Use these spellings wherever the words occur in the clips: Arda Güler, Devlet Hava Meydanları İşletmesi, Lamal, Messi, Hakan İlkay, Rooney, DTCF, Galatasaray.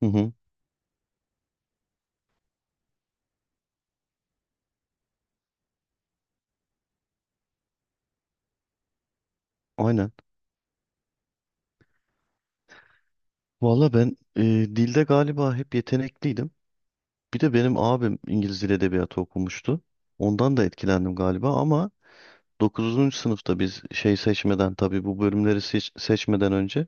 Hı hı, aynen. Valla ben dilde galiba hep yetenekliydim. Bir de benim abim İngiliz Dil Edebiyatı okumuştu. Ondan da etkilendim galiba ama 9. sınıfta biz şey seçmeden tabii bu bölümleri seçmeden önce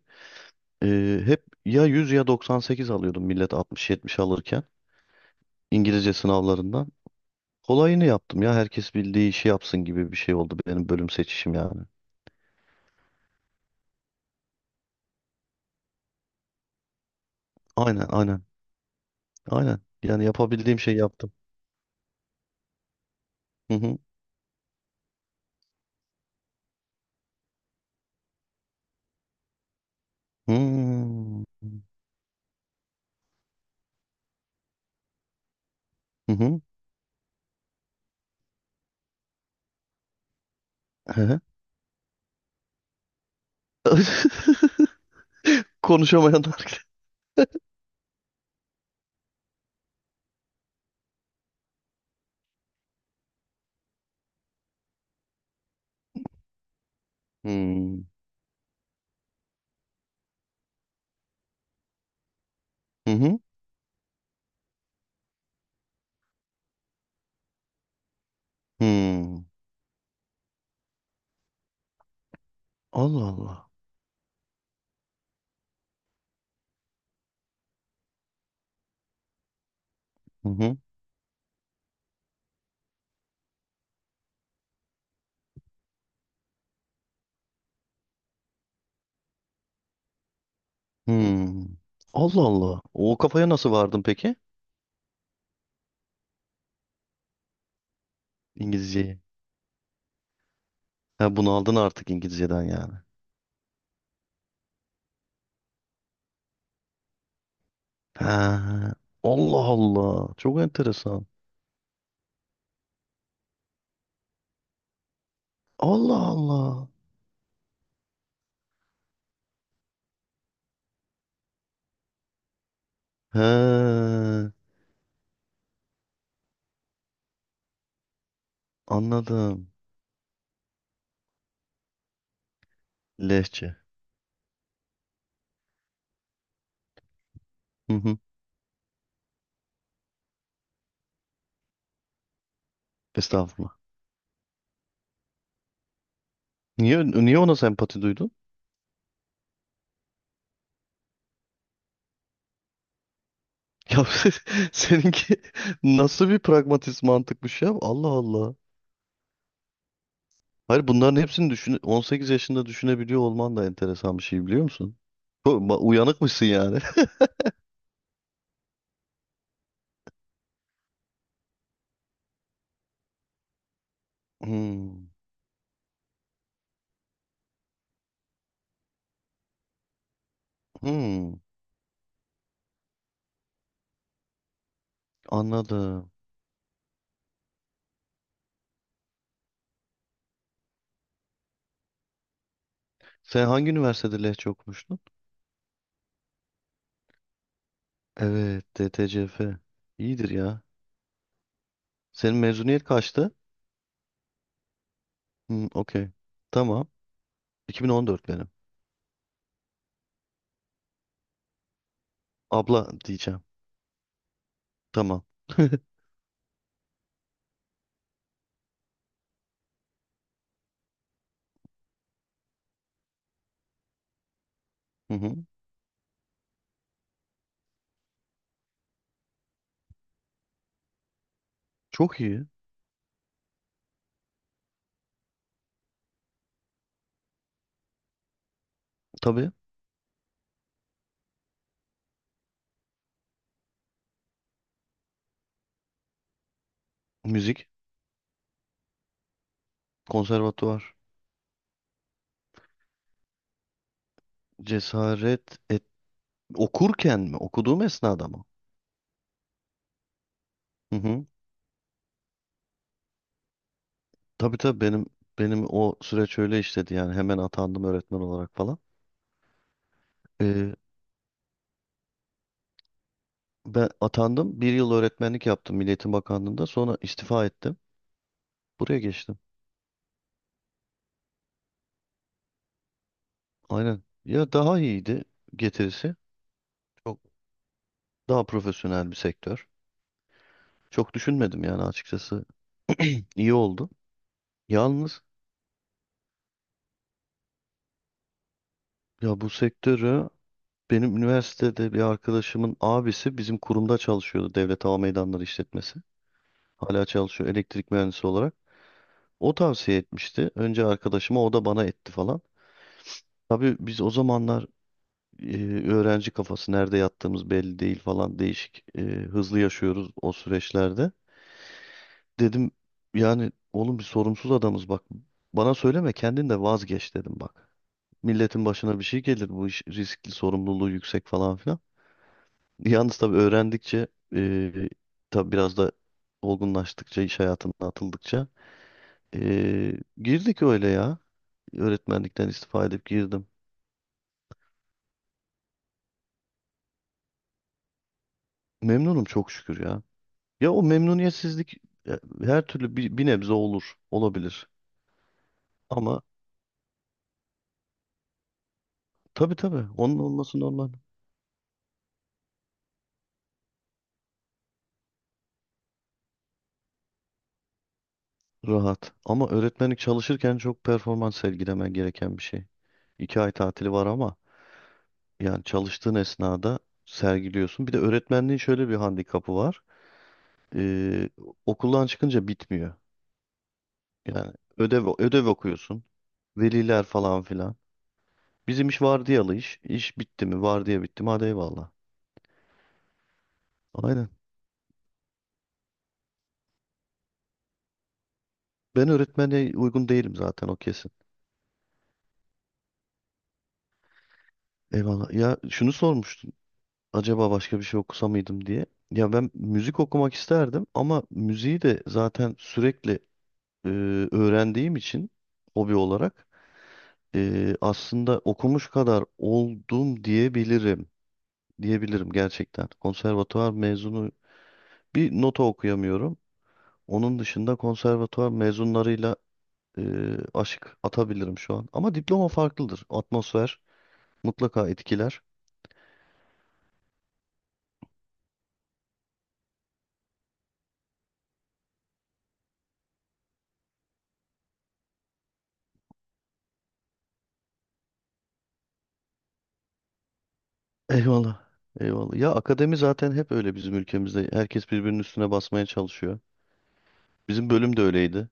hep ya 100 ya 98 alıyordum millet 60-70 alırken İngilizce sınavlarından. Kolayını yaptım ya herkes bildiği işi yapsın gibi bir şey oldu benim bölüm seçişim yani. Aynen aynen aynen yani yapabildiğim şeyi yaptım. Hı hı. Hmm. Hı hı. Konuşamayanlar. Hmm. Hı hı. Hmm. Allah Allah. Hı hı. Hmm. Allah Allah. O kafaya nasıl vardın peki? İngilizceyi. Ha, bunu aldın artık İngilizceden yani. Ha. Allah Allah. Çok enteresan. Allah Allah. He. Anladım. Lehçe. Hı hı. Estağfurullah. Niye ona sempati duydun? Ya seninki nasıl bir pragmatist mantıkmış ya? Allah Allah. Hayır, bunların hepsini düşün, 18 yaşında düşünebiliyor olman da enteresan bir şey, biliyor musun? Uyanıkmışsın yani. Hmm, hmm, anladım. Sen hangi üniversitede Lehçe okumuştun? Evet, DTCF. İyidir ya. Senin mezuniyet kaçtı? Hmm, okey. Tamam. 2014 benim. Abla diyeceğim. Tamam. Hı hı. Çok iyi. Tabii. Müzik, konservatuvar. Cesaret et. Okurken mi? Okuduğum esnada mı? Hı hı. Tabii tabii, benim o süreç öyle işledi yani, hemen atandım öğretmen olarak falan. Ee, Ben atandım, bir yıl öğretmenlik yaptım Milli Eğitim Bakanlığı'nda, sonra istifa ettim. Buraya geçtim. Aynen. Ya daha iyiydi getirisi. Çok daha profesyonel bir sektör. Çok düşünmedim yani açıkçası. İyi oldu. Yalnız ya, bu sektörü benim üniversitede bir arkadaşımın abisi bizim kurumda çalışıyordu, Devlet Hava Meydanları İşletmesi. Hala çalışıyor, elektrik mühendisi olarak. O tavsiye etmişti. Önce arkadaşıma, o da bana etti falan. Tabii biz o zamanlar e, öğrenci kafası, nerede yattığımız belli değil falan, değişik hızlı yaşıyoruz o süreçlerde. Dedim yani oğlum, bir sorumsuz adamız bak, bana söyleme, kendin de vazgeç dedim bak. Milletin başına bir şey gelir, bu iş riskli, sorumluluğu yüksek falan filan. Yalnız tabii öğrendikçe, e, tabii biraz da olgunlaştıkça, iş hayatına atıldıkça, Ee, girdik öyle ya. Öğretmenlikten istifa edip girdim. Memnunum çok şükür ya. Ya o memnuniyetsizlik, e, her türlü bir nebze olur, olabilir. Ama tabii tabii, onun olması normal. Rahat. Ama öğretmenlik, çalışırken çok performans sergilemen gereken bir şey. 2 ay tatili var ama, yani çalıştığın esnada sergiliyorsun. Bir de öğretmenliğin şöyle bir handikapı var. Ee, Okuldan çıkınca bitmiyor. Yani ödev ödev okuyorsun. Veliler falan filan. Bizim iş vardiyalı iş. İş bitti mi? Vardiya bitti mi? Hadi eyvallah. Aynen. Ben öğretmene uygun değilim zaten, o kesin. Eyvallah. Ya şunu sormuştun. Acaba başka bir şey okusa mıydım diye. Ya ben müzik okumak isterdim ama müziği de zaten sürekli e, öğrendiğim için, hobi olarak, aslında okumuş kadar oldum diyebilirim. Diyebilirim gerçekten. Konservatuvar mezunu bir nota okuyamıyorum. Onun dışında konservatuvar mezunlarıyla e, aşık atabilirim şu an. Ama diploma farklıdır. Atmosfer mutlaka etkiler. Eyvallah. Eyvallah. Ya akademi zaten hep öyle bizim ülkemizde. Herkes birbirinin üstüne basmaya çalışıyor. Bizim bölüm de öyleydi.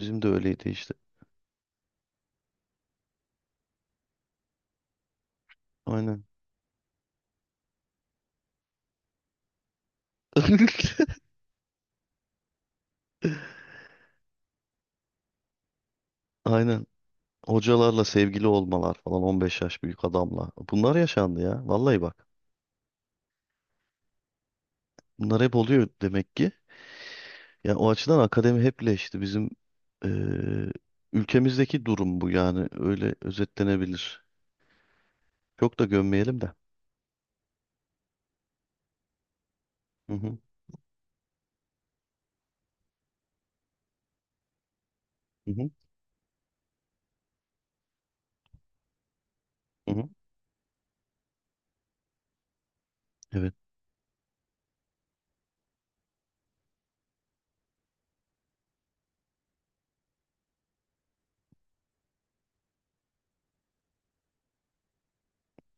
Bizim de öyleydi işte. Aynen. Aynen. Hocalarla sevgili olmalar falan, 15 yaş büyük adamla. Bunlar yaşandı ya. Vallahi bak. Bunlar hep oluyor demek ki. Ya o açıdan akademi hep leşti. Bizim eee, ülkemizdeki durum bu, yani öyle özetlenebilir. Çok da gömmeyelim de. Hı hı, hı hı, hı hı. Evet,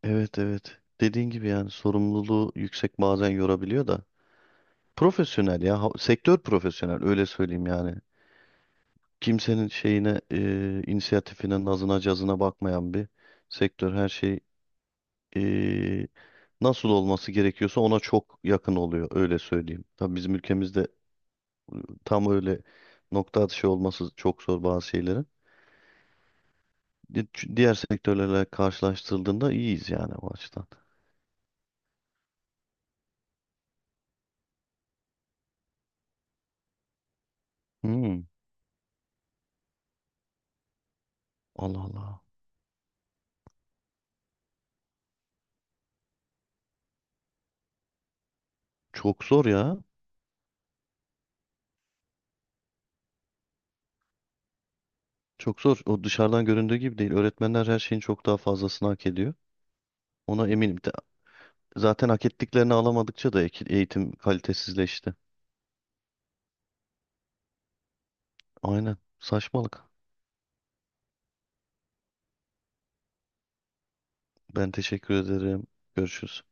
evet, evet. Dediğin gibi, yani sorumluluğu yüksek, bazen yorabiliyor da. Profesyonel ya, sektör profesyonel, öyle söyleyeyim yani. Kimsenin şeyine, inisiyatifine, nazına, cazına bakmayan bir sektör. Her şey, e, nasıl olması gerekiyorsa ona çok yakın oluyor, öyle söyleyeyim. Tabii bizim ülkemizde tam öyle nokta atışı olması çok zor bazı şeylerin. Di- Diğer sektörlerle karşılaştırıldığında iyiyiz yani o açıdan. Hmm. Allah Allah. Çok zor ya. Çok zor. O dışarıdan göründüğü gibi değil. Öğretmenler her şeyin çok daha fazlasını hak ediyor. Ona eminim. Zaten hak ettiklerini alamadıkça da eğitim kalitesizleşti. Aynen. Saçmalık. Ben teşekkür ederim. Görüşürüz.